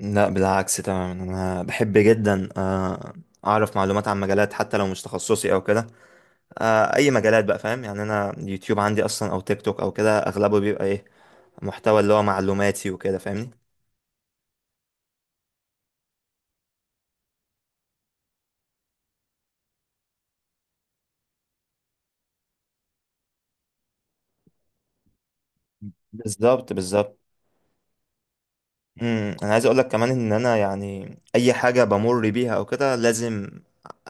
لا، بالعكس تماما، انا بحب جدا، اعرف معلومات عن مجالات حتى لو مش تخصصي او كده. اي مجالات بقى، فاهم؟ يعني انا يوتيوب عندي اصلا او تيك توك او كده، اغلبه بيبقى ايه، محتوى اللي هو معلوماتي وكده، فاهمني؟ بالظبط، بالظبط. انا عايز اقول لك كمان ان انا، يعني اي حاجه بمر بيها او كده لازم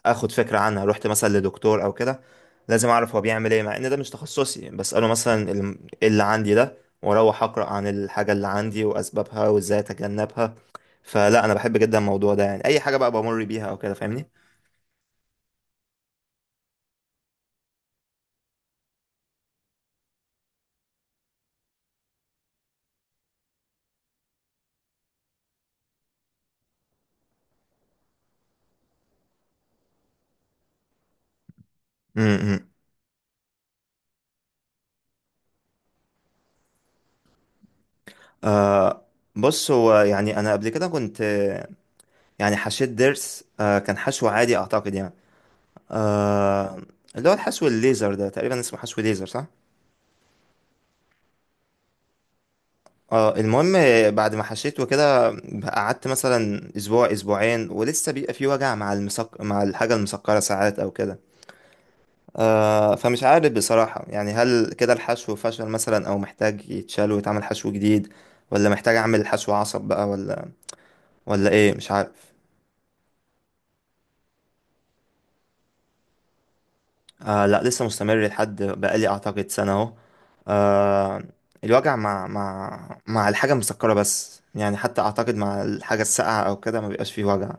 اخد فكره عنها. رحت مثلا لدكتور او كده، لازم اعرف هو بيعمل ايه، مع ان ده مش تخصصي، بساله مثلا ايه اللي عندي ده، واروح اقرا عن الحاجه اللي عندي واسبابها وازاي اتجنبها. فلا، انا بحب جدا الموضوع ده، يعني اي حاجه بقى بمر بيها او كده، فاهمني؟ امم، آه، بص، هو يعني انا قبل كده كنت يعني حشيت ضرس، كان حشو عادي اعتقد، يعني آه اللي هو الحشو الليزر ده تقريبا اسمه حشو ليزر، صح؟ اه المهم، بعد ما حشيته كده قعدت مثلا اسبوع اسبوعين، ولسه بيبقى في وجع مع مع الحاجة المسكرة، ساعات او كده. فمش عارف بصراحة، يعني هل كده الحشو فشل مثلا، او محتاج يتشال ويتعمل حشو جديد، ولا محتاج اعمل حشو عصب بقى، ولا ايه، مش عارف. آه، لا، لسه مستمر لحد بقالي اعتقد سنة اهو. آه الوجع مع الحاجة المسكرة بس، يعني حتى اعتقد مع الحاجة الساقعة او كده ما بيبقاش فيه وجع.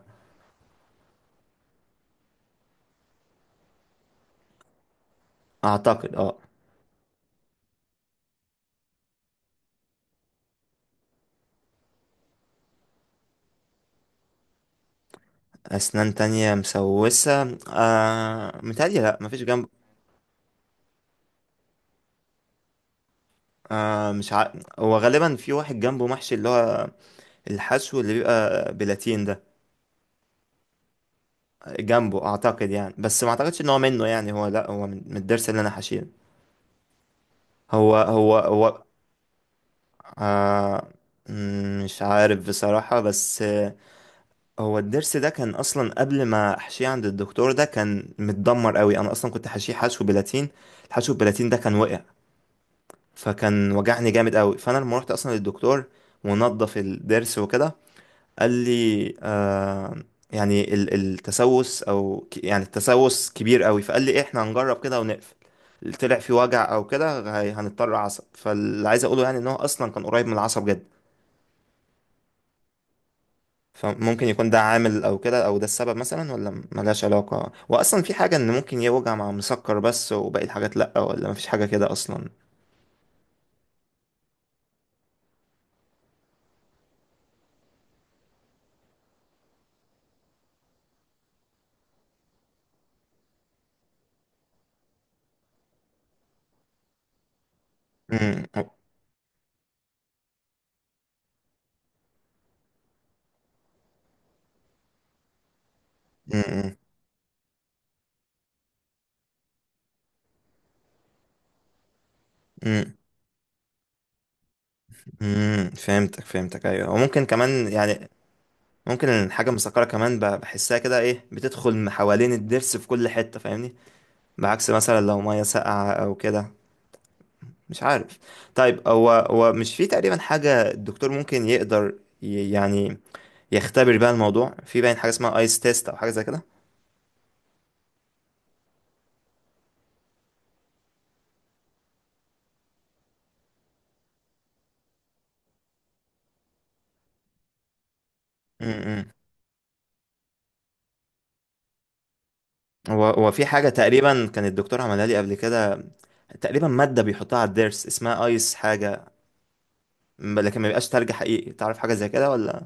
اعتقد، اه. اسنان تانية مسوسة، متهيألي لا، مفيش جنب. مش ع... هو غالبا في واحد جنبه محشي، اللي هو الحشو اللي بيبقى بلاتين ده، جنبه اعتقد، يعني. بس ما اعتقدش ان هو منه، يعني هو، لا، هو من الضرس اللي انا حشيه. هو آه مش عارف بصراحة، بس هو الضرس ده كان أصلا قبل ما أحشيه عند الدكتور ده كان متدمر قوي، أنا أصلا كنت حاشيه حشو بلاتين، الحشو بلاتين ده كان وقع، فكان وجعني جامد قوي. فأنا لما روحت أصلا للدكتور ونضف الضرس وكده، قال لي يعني التسوس يعني التسوس كبير قوي، فقال لي إيه، إحنا هنجرب كده ونقفل، طلع في وجع أو كده هنضطر عصب. فاللي عايز أقوله يعني، إن هو أصلا كان قريب من العصب جدا، فممكن يكون ده عامل او كده، او ده السبب مثلا، ولا ملهاش علاقة، واصلا في حاجة ان ممكن يوجع مع مسكر بس وباقي الحاجات لا؟ ولا مفيش حاجة كده اصلا؟ امم. امم. امم. امم. فهمتك، فهمتك، ايوه، وممكن كمان يعني، ممكن الحاجة المسكرة كمان بحسها كده، ايه، بتدخل من حوالين الضرس في كل حتة، فاهمني؟ بعكس مثلا لو مية ساقعة او كده، مش عارف. طيب، هو مش في تقريبا حاجة الدكتور ممكن يقدر يعني يختبر بقى الموضوع، في باين حاجه اسمها ايس تيست او حاجه زي كده؟ امم. هو في حاجه تقريبا كان الدكتور عملها لي قبل كده، تقريبا ماده بيحطها على الضرس اسمها ايس حاجه، لكن ما بيبقاش تلج حقيقي، تعرف حاجه زي كده ولا؟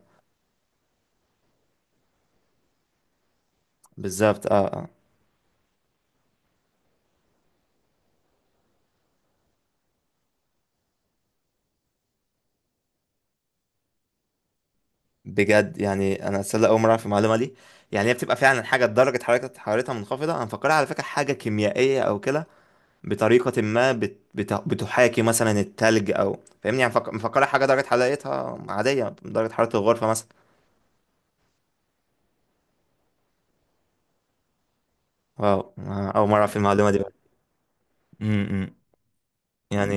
بالظبط، اه، اه. بجد، يعني انا اتصدق اول مره في المعلومه دي، يعني هي بتبقى فعلا حاجه درجه حرارتها منخفضه، انا مفكرها على فكره حاجه كيميائيه او كده، بطريقه ما بتحاكي مثلا التلج، او فاهمني يعني، مفكرها حاجه درجه حرارتها عاديه، درجه حراره الغرفه مثلا. واو، أول مرة أعرف المعلومة دي بقى. امم. يعني،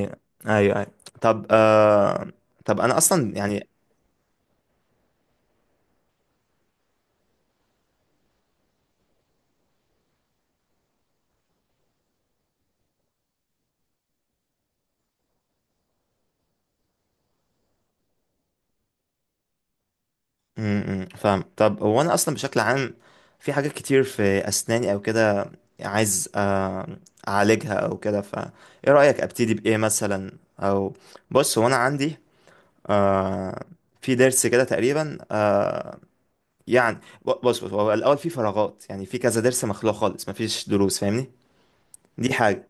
أيوه، أيوه، طب طب أنا أصلا يعني م- م، فاهم. طب هو أنا أصلا بشكل عام في حاجات كتير في أسناني أو كده، عايز أعالجها أو كده، فإيه رأيك؟ أبتدي بإيه مثلا، أو بص، هو أنا عندي آه... في ضرس كده تقريبا، يعني بص، بص، هو الأول في فراغات، يعني في كذا ضرس مخلوع خالص مفيش ضروس، فاهمني؟ دي حاجة،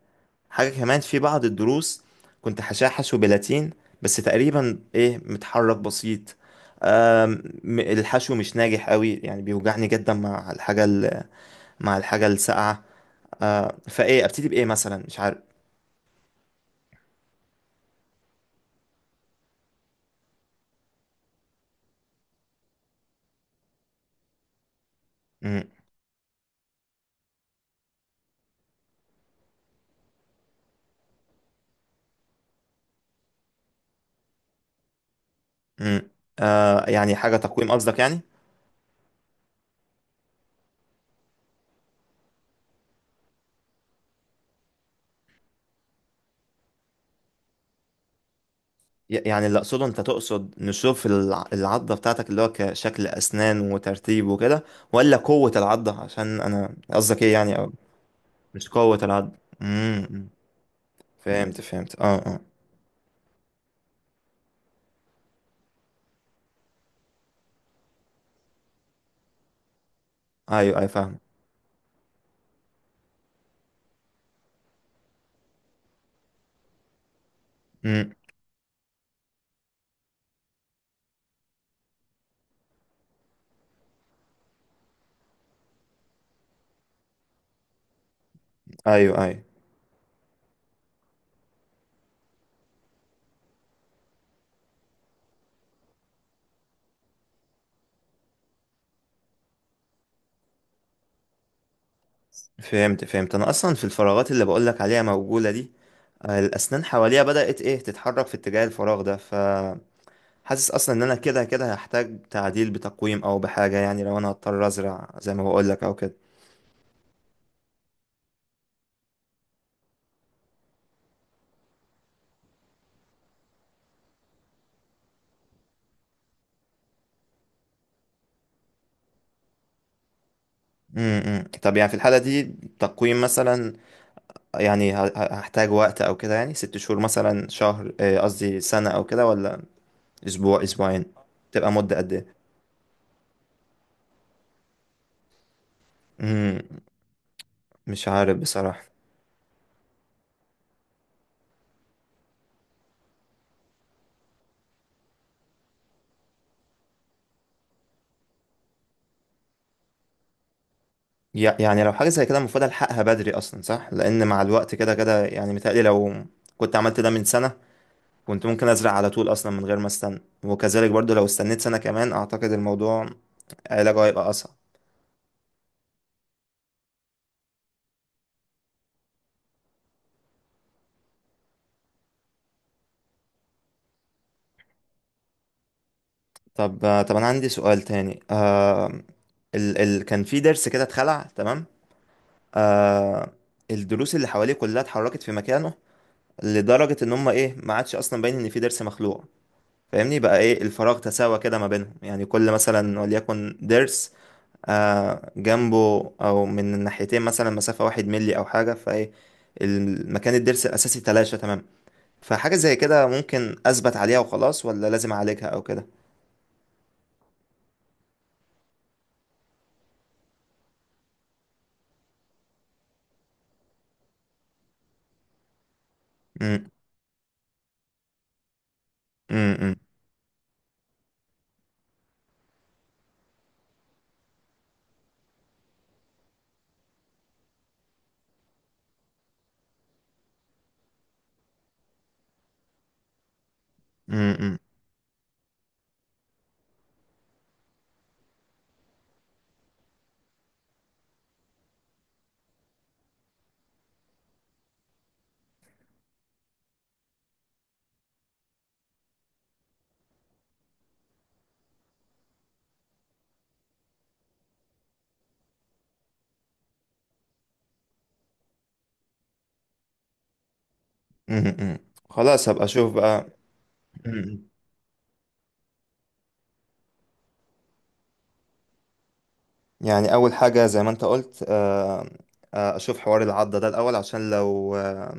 حاجة كمان في بعض الدروس كنت هشحش وبلاتين، بس تقريبا ايه، متحرك بسيط، الحشو مش ناجح قوي، يعني بيوجعني جدا مع مع الحاجة الساقعة. فايه، ابتدي بايه مثلا، مش عارف. مم، مم. يعني حاجة تقويم قصدك يعني؟ يعني اللي اقصده، انت تقصد نشوف العضة بتاعتك اللي هو كشكل اسنان وترتيب وكده، ولا قوة العضة؟ عشان انا قصدك ايه يعني، أو مش قوة العضة؟ مم، مم. فهمت، فهمت، اه، اه. ايوه، ايوه، فاهم. امم. ايوه، ايوه، فهمت، فهمت، انا اصلا في الفراغات اللي بقولك عليها موجوده دي، الاسنان حواليها بدات ايه تتحرك في اتجاه الفراغ ده، فحاسس اصلا ان انا كده كده هحتاج تعديل بتقويم او بحاجه، يعني لو انا هضطر ازرع زي ما بقولك او كده. امم. طب يعني في الحاله دي، تقويم مثلا، يعني هحتاج وقت او كده، يعني 6 شهور مثلا، شهر قصدي سنه او كده، ولا اسبوع اسبوعين، تبقى مده قد ايه؟ امم، مش عارف بصراحه. يعني لو حاجة زي كده المفروض ألحقها بدري أصلا، صح؟ لأن مع الوقت كده كده، يعني متهيألي لو كنت عملت ده من سنة كنت ممكن أزرع على طول أصلا من غير ما أستنى، وكذلك برضو لو استنيت سنة كمان، أعتقد الموضوع علاجه هيبقى أصعب. طب طب أنا عندي سؤال تاني، ال ال كان في ضرس كده اتخلع، تمام؟ آه الضروس اللي حواليه كلها اتحركت في مكانه، لدرجة إن هما إيه، ما عادش أصلا باين إن في ضرس مخلوع، فاهمني بقى؟ إيه، الفراغ تساوى كده ما بينهم، يعني كل مثلا وليكن ضرس جنبه، او من الناحيتين مثلا، مسافة 1 ملي او حاجة، فايه المكان الضرس الاساسي تلاشى تمام، فحاجة زي كده ممكن اثبت عليها وخلاص، ولا لازم اعالجها او كده؟ مم، مم، مم، مم، مم، مم، مم. خلاص، هبقى اشوف بقى. مم. يعني اول حاجة زي ما انت قلت، اشوف حوار العضة ده الاول، عشان لو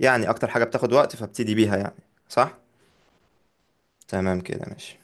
يعني اكتر حاجة بتاخد وقت، فابتدي بيها يعني، صح؟ تمام كده، ماشي.